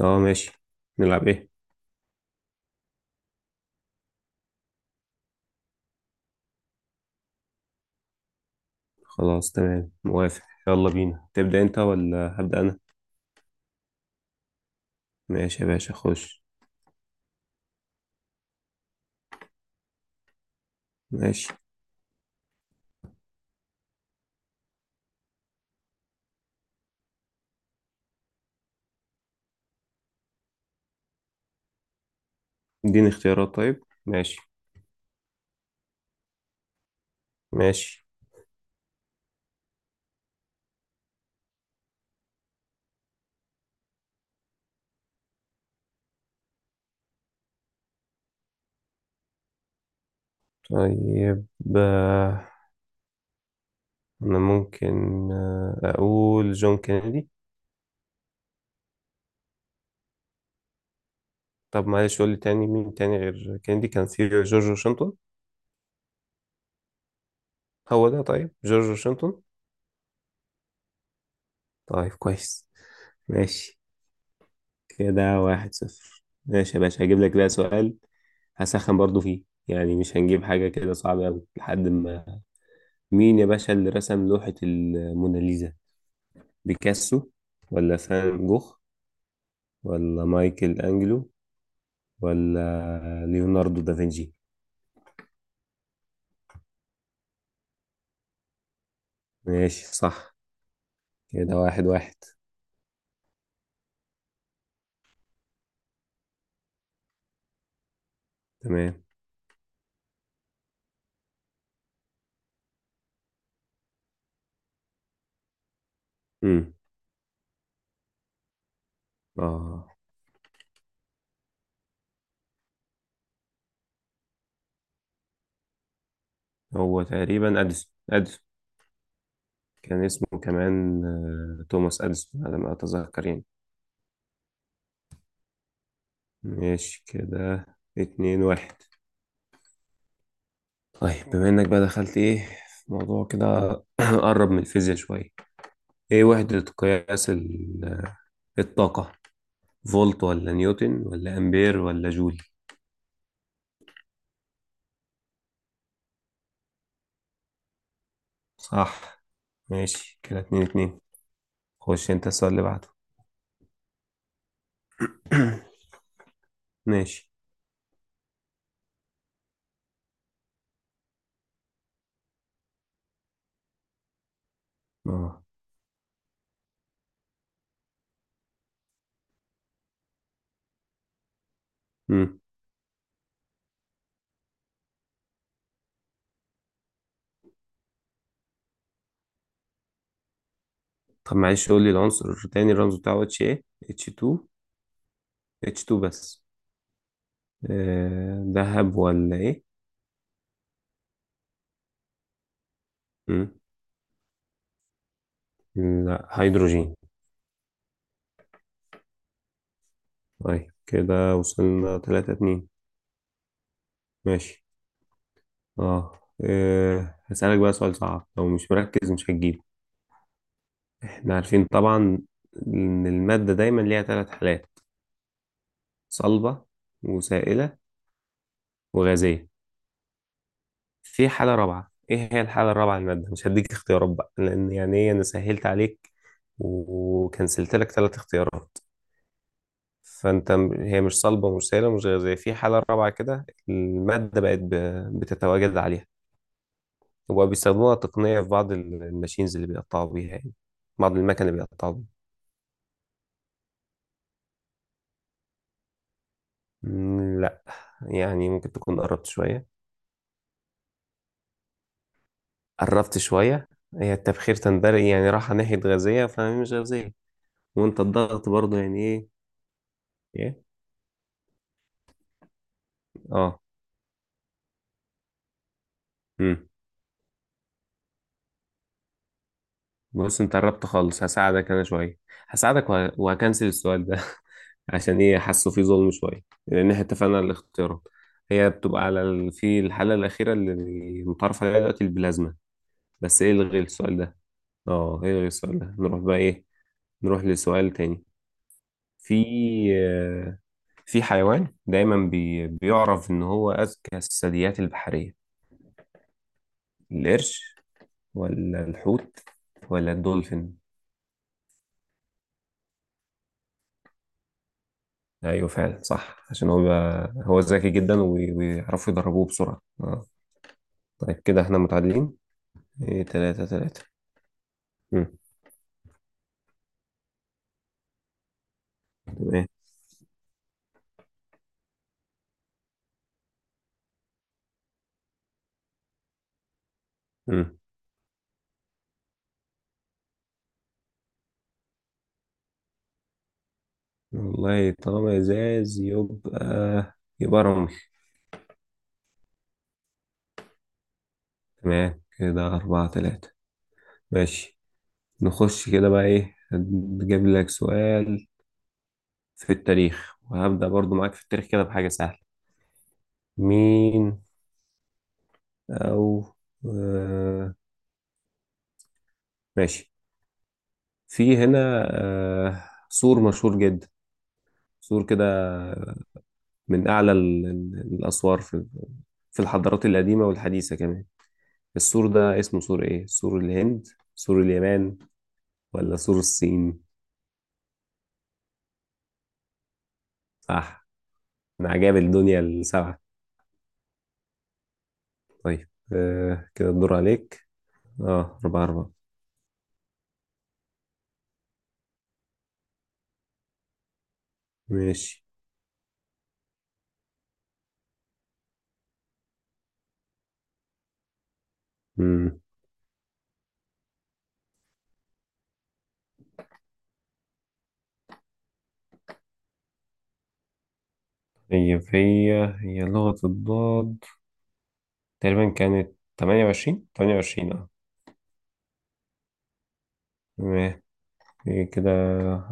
اه، ماشي. نلعب ايه؟ خلاص، تمام، موافق. يلا بينا، تبدأ انت ولا هبدأ انا؟ ماشي يا باشا، خش. ماشي، اديني اختيارات، طيب، ماشي. ماشي، طيب. آه، انا ممكن اقول جون كينيدي. طب معلش قول لي تاني، مين تاني غير كينيدي؟ كان في جورج واشنطن. هو ده، طيب جورج واشنطن. طيب، كويس. ماشي، كده 1-0. ماشي يا باشا، هجيب لك بقى سؤال. هسخن برضو فيه يعني، مش هنجيب حاجة كده صعبة أوي لحد ما. مين يا باشا اللي رسم لوحة الموناليزا؟ بيكاسو ولا فان جوخ ولا مايكل أنجلو ولا ليوناردو دافنشي؟ ماشي، صح. كده 1-1. تمام. امم اه، هو تقريبا أديسون أديسون. كان اسمه كمان توماس أديسون، على ما أتذكر يعني. ماشي، كده 2-1. طيب بما انك بقى دخلت ايه في موضوع كده، قرب من الفيزياء شوية. ايه وحدة قياس الطاقة؟ فولت ولا نيوتن ولا امبير ولا جول؟ صح. ماشي، كده 2-2. خش انت السؤال اللي بعده. ماشي، اه. مم. طب معلش قول لي العنصر تاني، الرمز بتاعه اتش ايه؟ اتش 2. اتش 2 بس. دهب ولا ايه؟ مم. لا، هيدروجين. طيب، كده وصلنا 3-2. ماشي. اه إيه، هسألك بقى سؤال صعب، لو مش مركز مش هتجيبه. احنا عارفين طبعا ان المادة دايما ليها ثلاث حالات: صلبة وسائلة وغازية. في حالة رابعة، ايه هي الحالة الرابعة للمادة؟ مش هديك اختيارات بقى، لان يعني ايه، انا سهلت عليك وكنسلت لك ثلاث اختيارات. هي مش صلبة ومش سائلة ومش غازية، في حالة رابعة كده المادة بتتواجد عليها، وبقوا بيستخدموها تقنية في بعض الماشينز اللي بيقطعوا بيها يعني، بعض المكن اللي بيقطعوا بيها. مم، لا. يعني ممكن تكون قربت شوية. قربت شوية. هي التبخير تندرج يعني، راحة ناحية غازية، فهي مش غازية. وانت الضغط برضو يعني ايه؟ ايه. اه. امم بص انت قربت خالص، هساعدك انا شوية. هساعدك وهكنسل السؤال ده عشان ايه؟ حاسه فيه ظلم شوية، لان احنا اتفقنا على الاختيارات. هي بتبقى على في الحالة الأخيرة اللي متعرف عليها دلوقتي، البلازما. بس ايه، الغي السؤال ده. اه، ايه، الغي السؤال ده، نروح بقى ايه، نروح لسؤال تاني. في في حيوان دايما بيعرف ان هو اذكى الثدييات البحريه. القرش ولا الحوت ولا الدولفين؟ ايوه، فعلا صح، عشان هو هو ذكي جدا، وبيعرفوا يدربوه بسرعه، اه. طيب، كده احنا متعادلين. ايه، 3-3. مم. تمام. مم. والله طالما ازاز يبقى، يبقى رمل. تمام، كده 4-3. ماشي. نخش كده بقى ايه، هجيب لك سؤال في التاريخ، وهبدأ برضو معاك في التاريخ كده بحاجة سهلة. مين أو آه ماشي. في هنا سور مشهور جدا، سور كده من أعلى الأسوار في الحضارات القديمة والحديثة كمان. السور ده اسمه سور إيه؟ سور الهند، سور اليابان، ولا سور الصين؟ صح، من عجائب الدنيا السبعة. طيب كده الدور عليك. اه، 4-4. ماشي. مم. طيب، هي لغة الضاد، تقريبا كانت 28. 28، اه. تمام. إيه كده،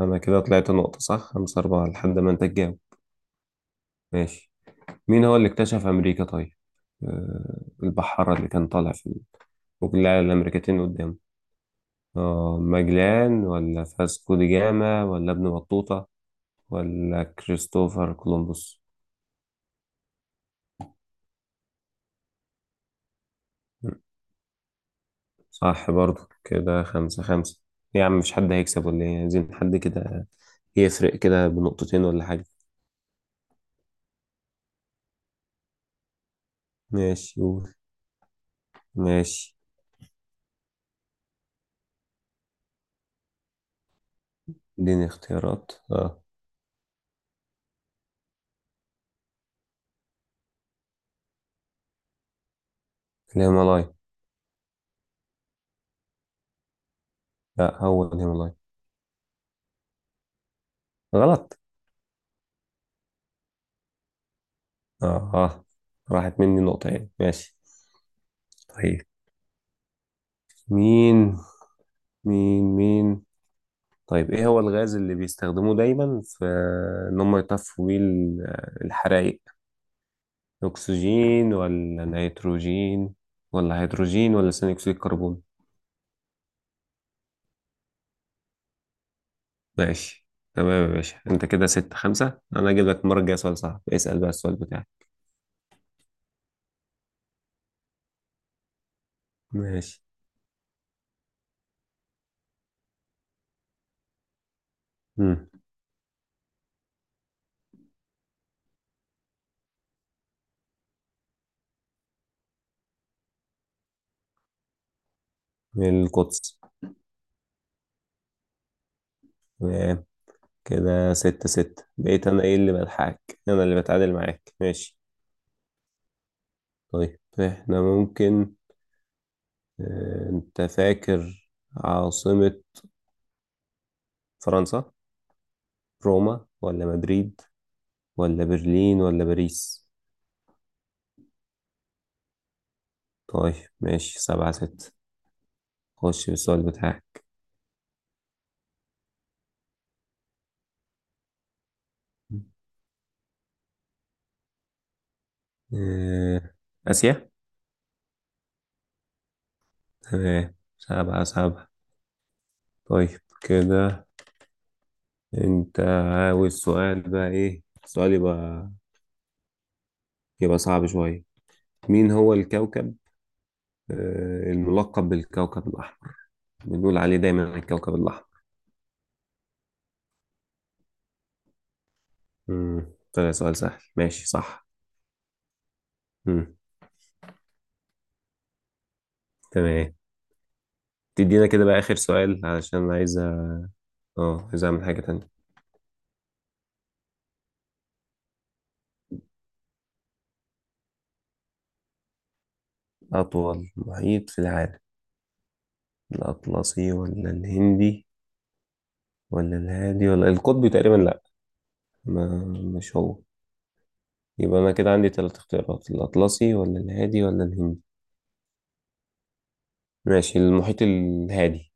أنا كده طلعت نقطة، صح، 5-4 لحد ما أنت تجاوب. ماشي. مين هو اللي اكتشف أمريكا طيب؟ البحارة اللي كان طالع في، وكلها الأمريكتين قدامه. ماجلان ولا فاسكو دي جاما ولا ابن بطوطة ولا كريستوفر كولومبوس؟ صح برضو، كده 5-5. إيه يا عم، مش حد هيكسب ولا ايه؟ عايزين حد كده يفرق كده بنقطتين ولا حاجة. ماشي، قول. ماشي، اديني اختيارات، اه. الهيمالايا. لا، هو الهيمالايا. غلط. اه، اه. راحت مني نقطة يعني، ماشي. طيب. مين مين طيب، ايه هو الغاز اللي بيستخدموه دايما في ان هم يطفوا بيه الحرائق؟ اكسجين ولا نيتروجين ولا هيدروجين ولا ثاني اكسيد الكربون؟ ماشي، تمام يا باشا، انت كده 6-5. انا اجيب لك المرة الجاية سؤال صعب، اسأل بقى السؤال بتاعك. ماشي. مم. القدس. تمام، كده 6-6، بقيت أنا إيه اللي بلحقك، أنا اللي بتعادل معاك. ماشي. طيب إحنا ممكن أنت فاكر عاصمة فرنسا؟ روما ولا مدريد ولا برلين ولا باريس؟ طيب، ماشي، 7-6. خش بالسؤال بتاعك. آه، آسيا. تمام، 7-7. طيب كده، أنت عاوز سؤال بقى، إيه سؤال يبقى صعب شوية. مين هو الكوكب الملقب بالكوكب الأحمر، بنقول عليه دايما الكوكب الأحمر. مم. طلع سؤال سهل، ماشي، صح. مم. تمام. تدينا كده بقى آخر سؤال، علشان عايز اه، عايز أعمل حاجة تانية. أطول محيط في العالم، الأطلسي ولا الهندي ولا الهادي ولا القطبي؟ تقريبا لأ، ما مش هو. يبقى أنا كده عندي ثلاث اختيارات: الأطلسي ولا الهادي ولا الهندي. ماشي، المحيط الهادي.